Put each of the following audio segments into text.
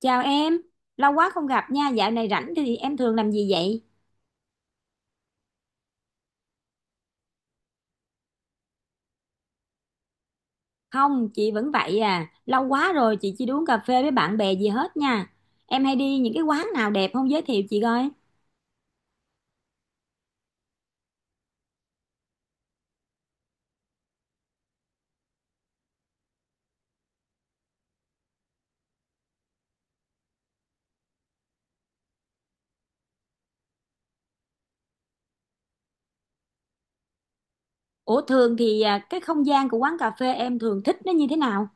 Chào em, lâu quá không gặp nha, dạo này rảnh thì em thường làm gì vậy? Không, chị vẫn vậy à, lâu quá rồi chị chưa đi uống cà phê với bạn bè gì hết nha. Em hay đi những cái quán nào đẹp không giới thiệu chị coi. Ủa thường thì à, cái không gian của quán cà phê em thường thích nó như thế nào?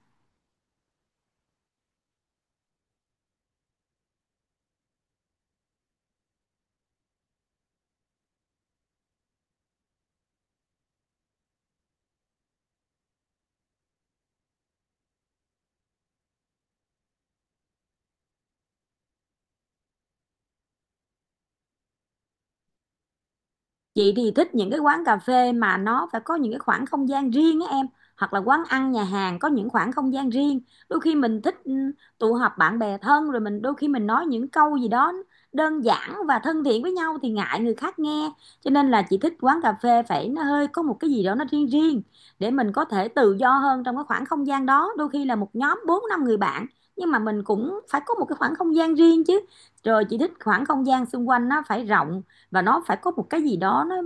Chị thì thích những cái quán cà phê mà nó phải có những cái khoảng không gian riêng á em, hoặc là quán ăn nhà hàng có những khoảng không gian riêng. Đôi khi mình thích tụ họp bạn bè thân, rồi mình đôi khi mình nói những câu gì đó đơn giản và thân thiện với nhau thì ngại người khác nghe. Cho nên là chị thích quán cà phê phải nó hơi có một cái gì đó nó riêng riêng, để mình có thể tự do hơn trong cái khoảng không gian đó. Đôi khi là một nhóm bốn năm người bạn nhưng mà mình cũng phải có một cái khoảng không gian riêng chứ. Rồi chị thích khoảng không gian xung quanh nó phải rộng, và nó phải có một cái gì đó nó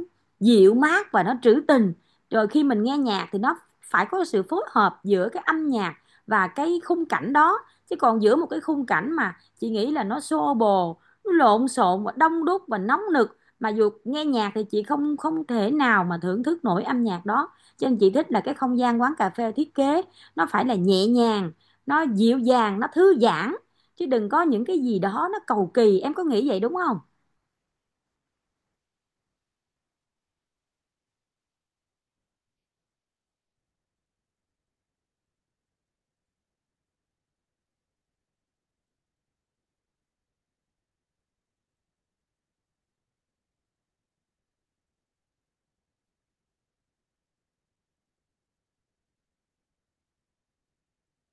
dịu mát và nó trữ tình. Rồi khi mình nghe nhạc thì nó phải có sự phối hợp giữa cái âm nhạc và cái khung cảnh đó. Chứ còn giữa một cái khung cảnh mà chị nghĩ là nó xô bồ, nó lộn xộn và đông đúc và nóng nực mà dù nghe nhạc thì chị không không thể nào mà thưởng thức nổi âm nhạc đó. Cho nên chị thích là cái không gian quán cà phê thiết kế nó phải là nhẹ nhàng, nó dịu dàng, nó thư giãn, chứ đừng có những cái gì đó nó cầu kỳ. Em có nghĩ vậy đúng không?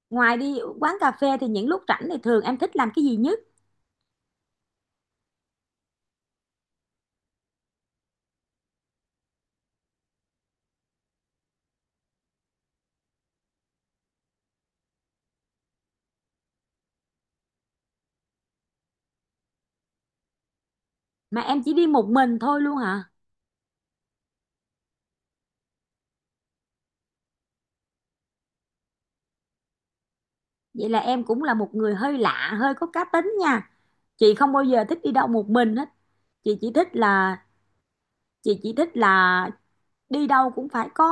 Ngoài đi quán cà phê thì những lúc rảnh thì thường em thích làm cái gì nhất? Mà em chỉ đi một mình thôi luôn hả? Vậy là em cũng là một người hơi lạ, hơi có cá tính nha. Chị không bao giờ thích đi đâu một mình hết. Chị chỉ thích là chị chỉ thích là đi đâu cũng phải có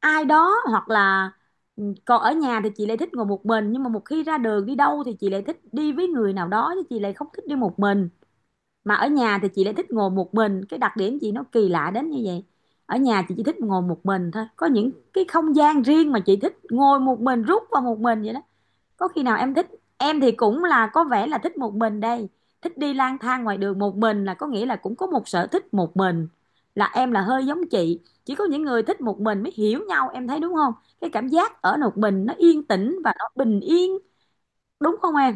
ai đó, hoặc là còn ở nhà thì chị lại thích ngồi một mình, nhưng mà một khi ra đường đi đâu thì chị lại thích đi với người nào đó, chứ chị lại không thích đi một mình. Mà ở nhà thì chị lại thích ngồi một mình, cái đặc điểm chị nó kỳ lạ đến như vậy. Ở nhà chị chỉ thích ngồi một mình thôi, có những cái không gian riêng mà chị thích ngồi một mình, rút vào một mình vậy đó. Có khi nào em thích, em thì cũng là có vẻ là thích một mình đây, thích đi lang thang ngoài đường một mình là có nghĩa là cũng có một sở thích một mình, là em là hơi giống chị. Chỉ có những người thích một mình mới hiểu nhau, em thấy đúng không? Cái cảm giác ở một mình nó yên tĩnh và nó bình yên, đúng không em?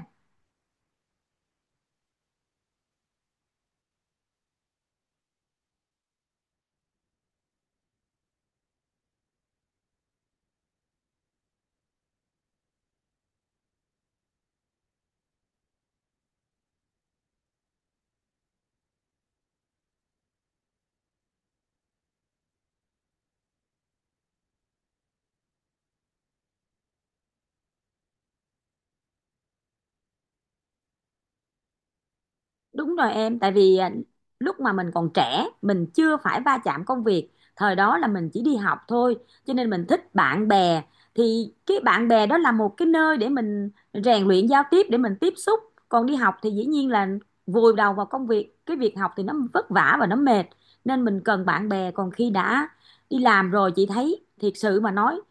Đúng rồi em, tại vì à, lúc mà mình còn trẻ, mình chưa phải va chạm công việc, thời đó là mình chỉ đi học thôi, cho nên mình thích bạn bè. Thì cái bạn bè đó là một cái nơi để mình rèn luyện giao tiếp, để mình tiếp xúc. Còn đi học thì dĩ nhiên là vùi đầu vào công việc, cái việc học thì nó vất vả và nó mệt, nên mình cần bạn bè. Còn khi đã đi làm rồi chị thấy, thiệt sự mà nói,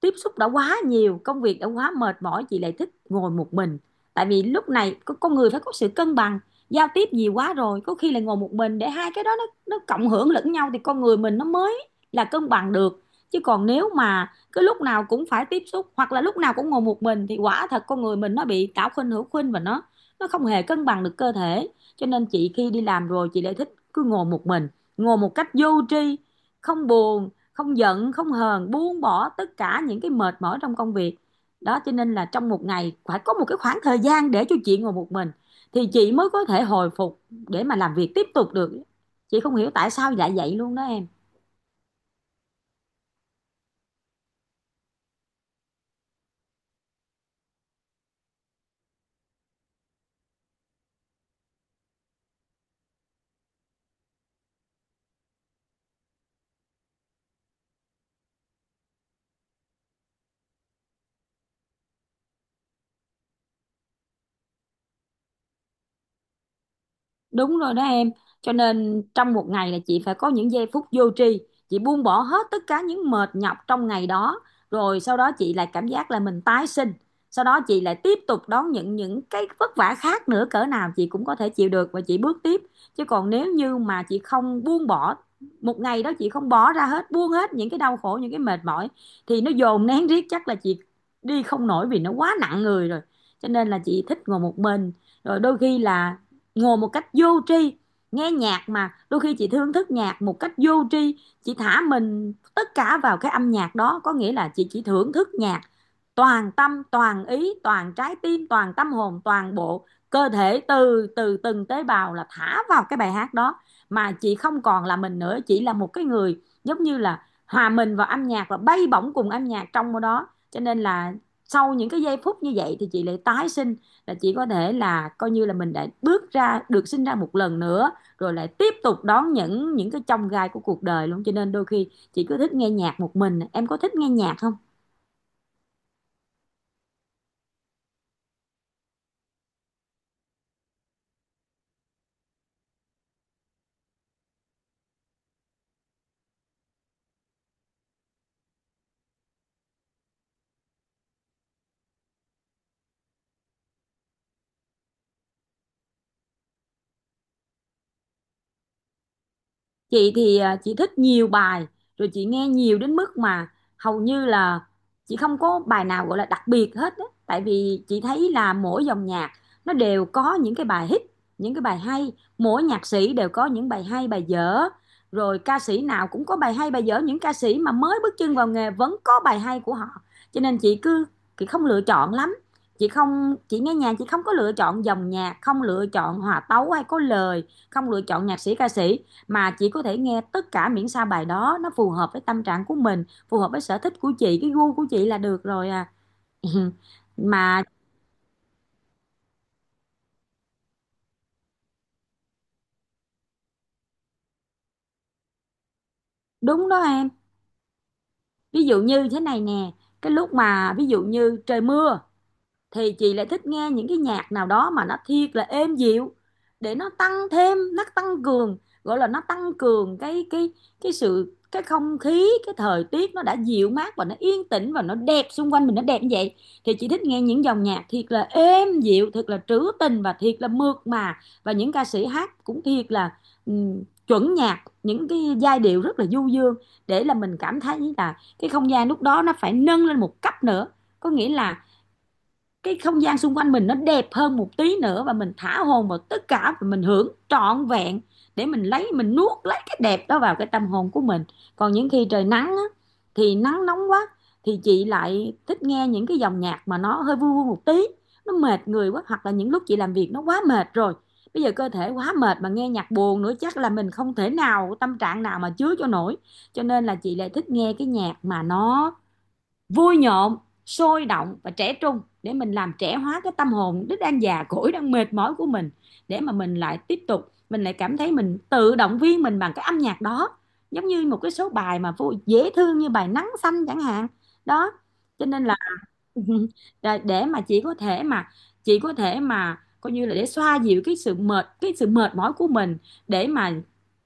tiếp xúc đã quá nhiều, công việc đã quá mệt mỏi, chị lại thích ngồi một mình. Tại vì lúc này con người phải có sự cân bằng. Giao tiếp nhiều quá rồi có khi là ngồi một mình, để hai cái đó nó cộng hưởng lẫn nhau thì con người mình nó mới là cân bằng được. Chứ còn nếu mà cứ lúc nào cũng phải tiếp xúc, hoặc là lúc nào cũng ngồi một mình, thì quả thật con người mình nó bị tạo khuynh hữu khuynh, và nó không hề cân bằng được cơ thể. Cho nên chị khi đi làm rồi chị lại thích cứ ngồi một mình, ngồi một cách vô tri, không buồn, không giận, không hờn, buông bỏ tất cả những cái mệt mỏi trong công việc đó. Cho nên là trong một ngày phải có một cái khoảng thời gian để cho chị ngồi một mình, thì chị mới có thể hồi phục để mà làm việc tiếp tục được. Chị không hiểu tại sao lại vậy luôn đó em. Đúng rồi đó em, cho nên trong một ngày là chị phải có những giây phút vô tri, chị buông bỏ hết tất cả những mệt nhọc trong ngày đó, rồi sau đó chị lại cảm giác là mình tái sinh, sau đó chị lại tiếp tục đón những cái vất vả khác nữa, cỡ nào chị cũng có thể chịu được và chị bước tiếp. Chứ còn nếu như mà chị không buông bỏ một ngày đó, chị không bỏ ra hết, buông hết những cái đau khổ, những cái mệt mỏi, thì nó dồn nén riết chắc là chị đi không nổi vì nó quá nặng người rồi. Cho nên là chị thích ngồi một mình, rồi đôi khi là ngồi một cách vô tri nghe nhạc, mà đôi khi chị thưởng thức nhạc một cách vô tri, chị thả mình tất cả vào cái âm nhạc đó. Có nghĩa là chị chỉ thưởng thức nhạc toàn tâm toàn ý, toàn trái tim toàn tâm hồn, toàn bộ cơ thể, từ từ từng tế bào là thả vào cái bài hát đó, mà chị không còn là mình nữa. Chị là một cái người giống như là hòa mình vào âm nhạc và bay bổng cùng âm nhạc trong đó. Cho nên là sau những cái giây phút như vậy thì chị lại tái sinh, là chị có thể là coi như là mình đã bước ra được, sinh ra một lần nữa, rồi lại tiếp tục đón những cái chông gai của cuộc đời luôn. Cho nên đôi khi chị cứ thích nghe nhạc một mình. Em có thích nghe nhạc không? Chị thì à, chị thích nhiều bài, rồi chị nghe nhiều đến mức mà hầu như là chị không có bài nào gọi là đặc biệt hết á. Tại vì chị thấy là mỗi dòng nhạc nó đều có những cái bài hit, những cái bài hay. Mỗi nhạc sĩ đều có những bài hay bài dở, rồi ca sĩ nào cũng có bài hay bài dở, những ca sĩ mà mới bước chân vào nghề vẫn có bài hay của họ. Cho nên chị cứ chị không lựa chọn lắm, chị nghe nhạc chị không có lựa chọn dòng nhạc, không lựa chọn hòa tấu hay có lời, không lựa chọn nhạc sĩ ca sĩ, mà chị có thể nghe tất cả, miễn sao bài đó nó phù hợp với tâm trạng của mình, phù hợp với sở thích của chị, cái gu của chị là được rồi à. Mà đúng đó em, ví dụ như thế này nè, cái lúc mà ví dụ như trời mưa thì chị lại thích nghe những cái nhạc nào đó mà nó thiệt là êm dịu, để nó tăng thêm, nó tăng cường, gọi là nó tăng cường cái sự, cái không khí, cái thời tiết nó đã dịu mát và nó yên tĩnh và nó đẹp, xung quanh mình nó đẹp như vậy. Thì chị thích nghe những dòng nhạc thiệt là êm dịu, thiệt là trữ tình và thiệt là mượt mà, và những ca sĩ hát cũng thiệt là chuẩn nhạc, những cái giai điệu rất là du dương, để là mình cảm thấy là cái không gian lúc đó nó phải nâng lên một cấp nữa. Có nghĩa là cái không gian xung quanh mình nó đẹp hơn một tí nữa, và mình thả hồn vào tất cả, và mình hưởng trọn vẹn, để mình lấy, mình nuốt lấy cái đẹp đó vào cái tâm hồn của mình. Còn những khi trời nắng á, thì nắng nóng quá, thì chị lại thích nghe những cái dòng nhạc mà nó hơi vui vui một tí. Nó mệt người quá, hoặc là những lúc chị làm việc nó quá mệt rồi, bây giờ cơ thể quá mệt mà nghe nhạc buồn nữa chắc là mình không thể nào, tâm trạng nào mà chứa cho nổi. Cho nên là chị lại thích nghe cái nhạc mà nó vui nhộn, sôi động và trẻ trung, để mình làm trẻ hóa cái tâm hồn đứt đang già cỗi đang mệt mỏi của mình. Để mà mình lại cảm thấy mình tự động viên mình bằng cái âm nhạc đó, giống như một cái số bài mà vô dễ thương như bài Nắng Xanh chẳng hạn đó. Cho nên là rồi để mà chị có thể mà coi như là để xoa dịu cái sự mệt mỏi của mình, để mà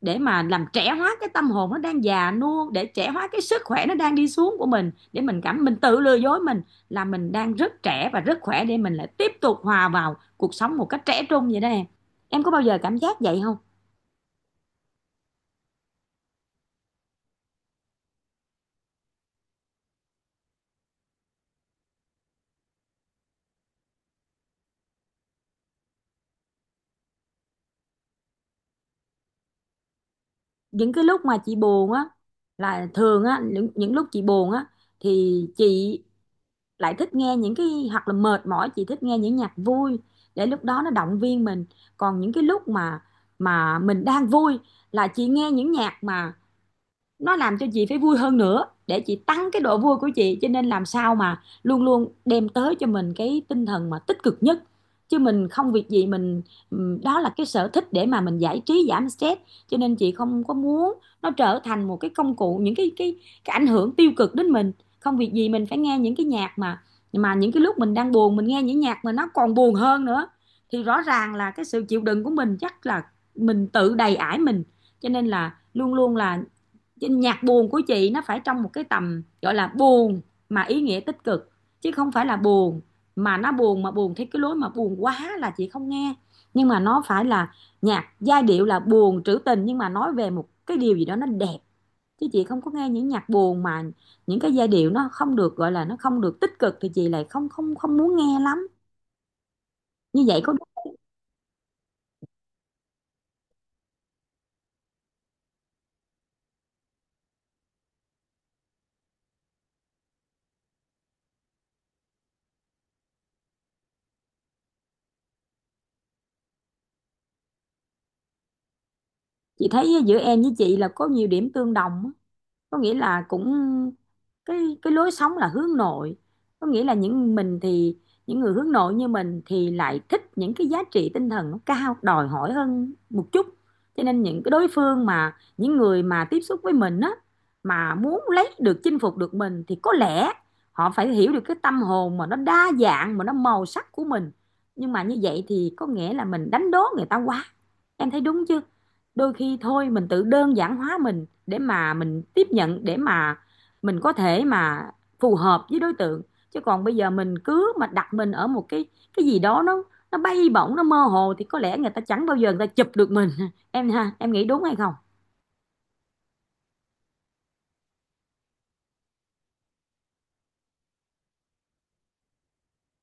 để mà làm trẻ hóa cái tâm hồn nó đang già nua, để trẻ hóa cái sức khỏe nó đang đi xuống của mình, để mình cảm mình tự lừa dối mình là mình đang rất trẻ và rất khỏe, để mình lại tiếp tục hòa vào cuộc sống một cách trẻ trung vậy đó em. Em có bao giờ cảm giác vậy không? Những cái lúc mà chị buồn á, là thường á, những lúc chị buồn á, thì chị lại thích nghe những cái, hoặc là mệt mỏi chị thích nghe những nhạc vui để lúc đó nó động viên mình. Còn những cái lúc mà mình đang vui là chị nghe những nhạc mà nó làm cho chị phải vui hơn nữa để chị tăng cái độ vui của chị. Cho nên làm sao mà luôn luôn đem tới cho mình cái tinh thần mà tích cực nhất, chứ mình không việc gì mình. Đó là cái sở thích để mà mình giải trí giảm stress, cho nên chị không có muốn nó trở thành một cái công cụ, những cái ảnh hưởng tiêu cực đến mình. Không việc gì mình phải nghe những cái nhạc mà những cái lúc mình đang buồn mình nghe những nhạc mà nó còn buồn hơn nữa, thì rõ ràng là cái sự chịu đựng của mình chắc là mình tự đầy ải mình. Cho nên là luôn luôn là nhạc buồn của chị nó phải trong một cái tầm gọi là buồn mà ý nghĩa tích cực, chứ không phải là buồn mà nó buồn, mà buồn theo cái lối mà buồn quá là chị không nghe. Nhưng mà nó phải là nhạc giai điệu là buồn trữ tình nhưng mà nói về một cái điều gì đó nó đẹp, chứ chị không có nghe những nhạc buồn mà những cái giai điệu nó không được gọi là nó không được tích cực thì chị lại không không không muốn nghe lắm. Như vậy có. Chị thấy giữa em với chị là có nhiều điểm tương đồng, có nghĩa là cũng cái lối sống là hướng nội, có nghĩa là những mình thì những người hướng nội như mình thì lại thích những cái giá trị tinh thần nó cao đòi hỏi hơn một chút. Cho nên những cái đối phương mà những người mà tiếp xúc với mình á, mà muốn lấy được chinh phục được mình thì có lẽ họ phải hiểu được cái tâm hồn mà nó đa dạng mà nó màu sắc của mình. Nhưng mà như vậy thì có nghĩa là mình đánh đố người ta quá. Em thấy đúng chưa? Đôi khi thôi mình tự đơn giản hóa mình để mà mình tiếp nhận, để mà mình có thể mà phù hợp với đối tượng, chứ còn bây giờ mình cứ mà đặt mình ở một cái gì đó nó bay bổng nó mơ hồ thì có lẽ người ta chẳng bao giờ người ta chụp được mình. Em ha, em nghĩ đúng hay không?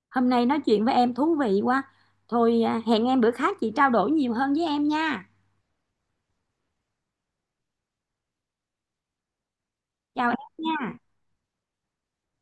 Hôm nay nói chuyện với em thú vị quá. Thôi à, hẹn em bữa khác chị trao đổi nhiều hơn với em nha. Chào em nha.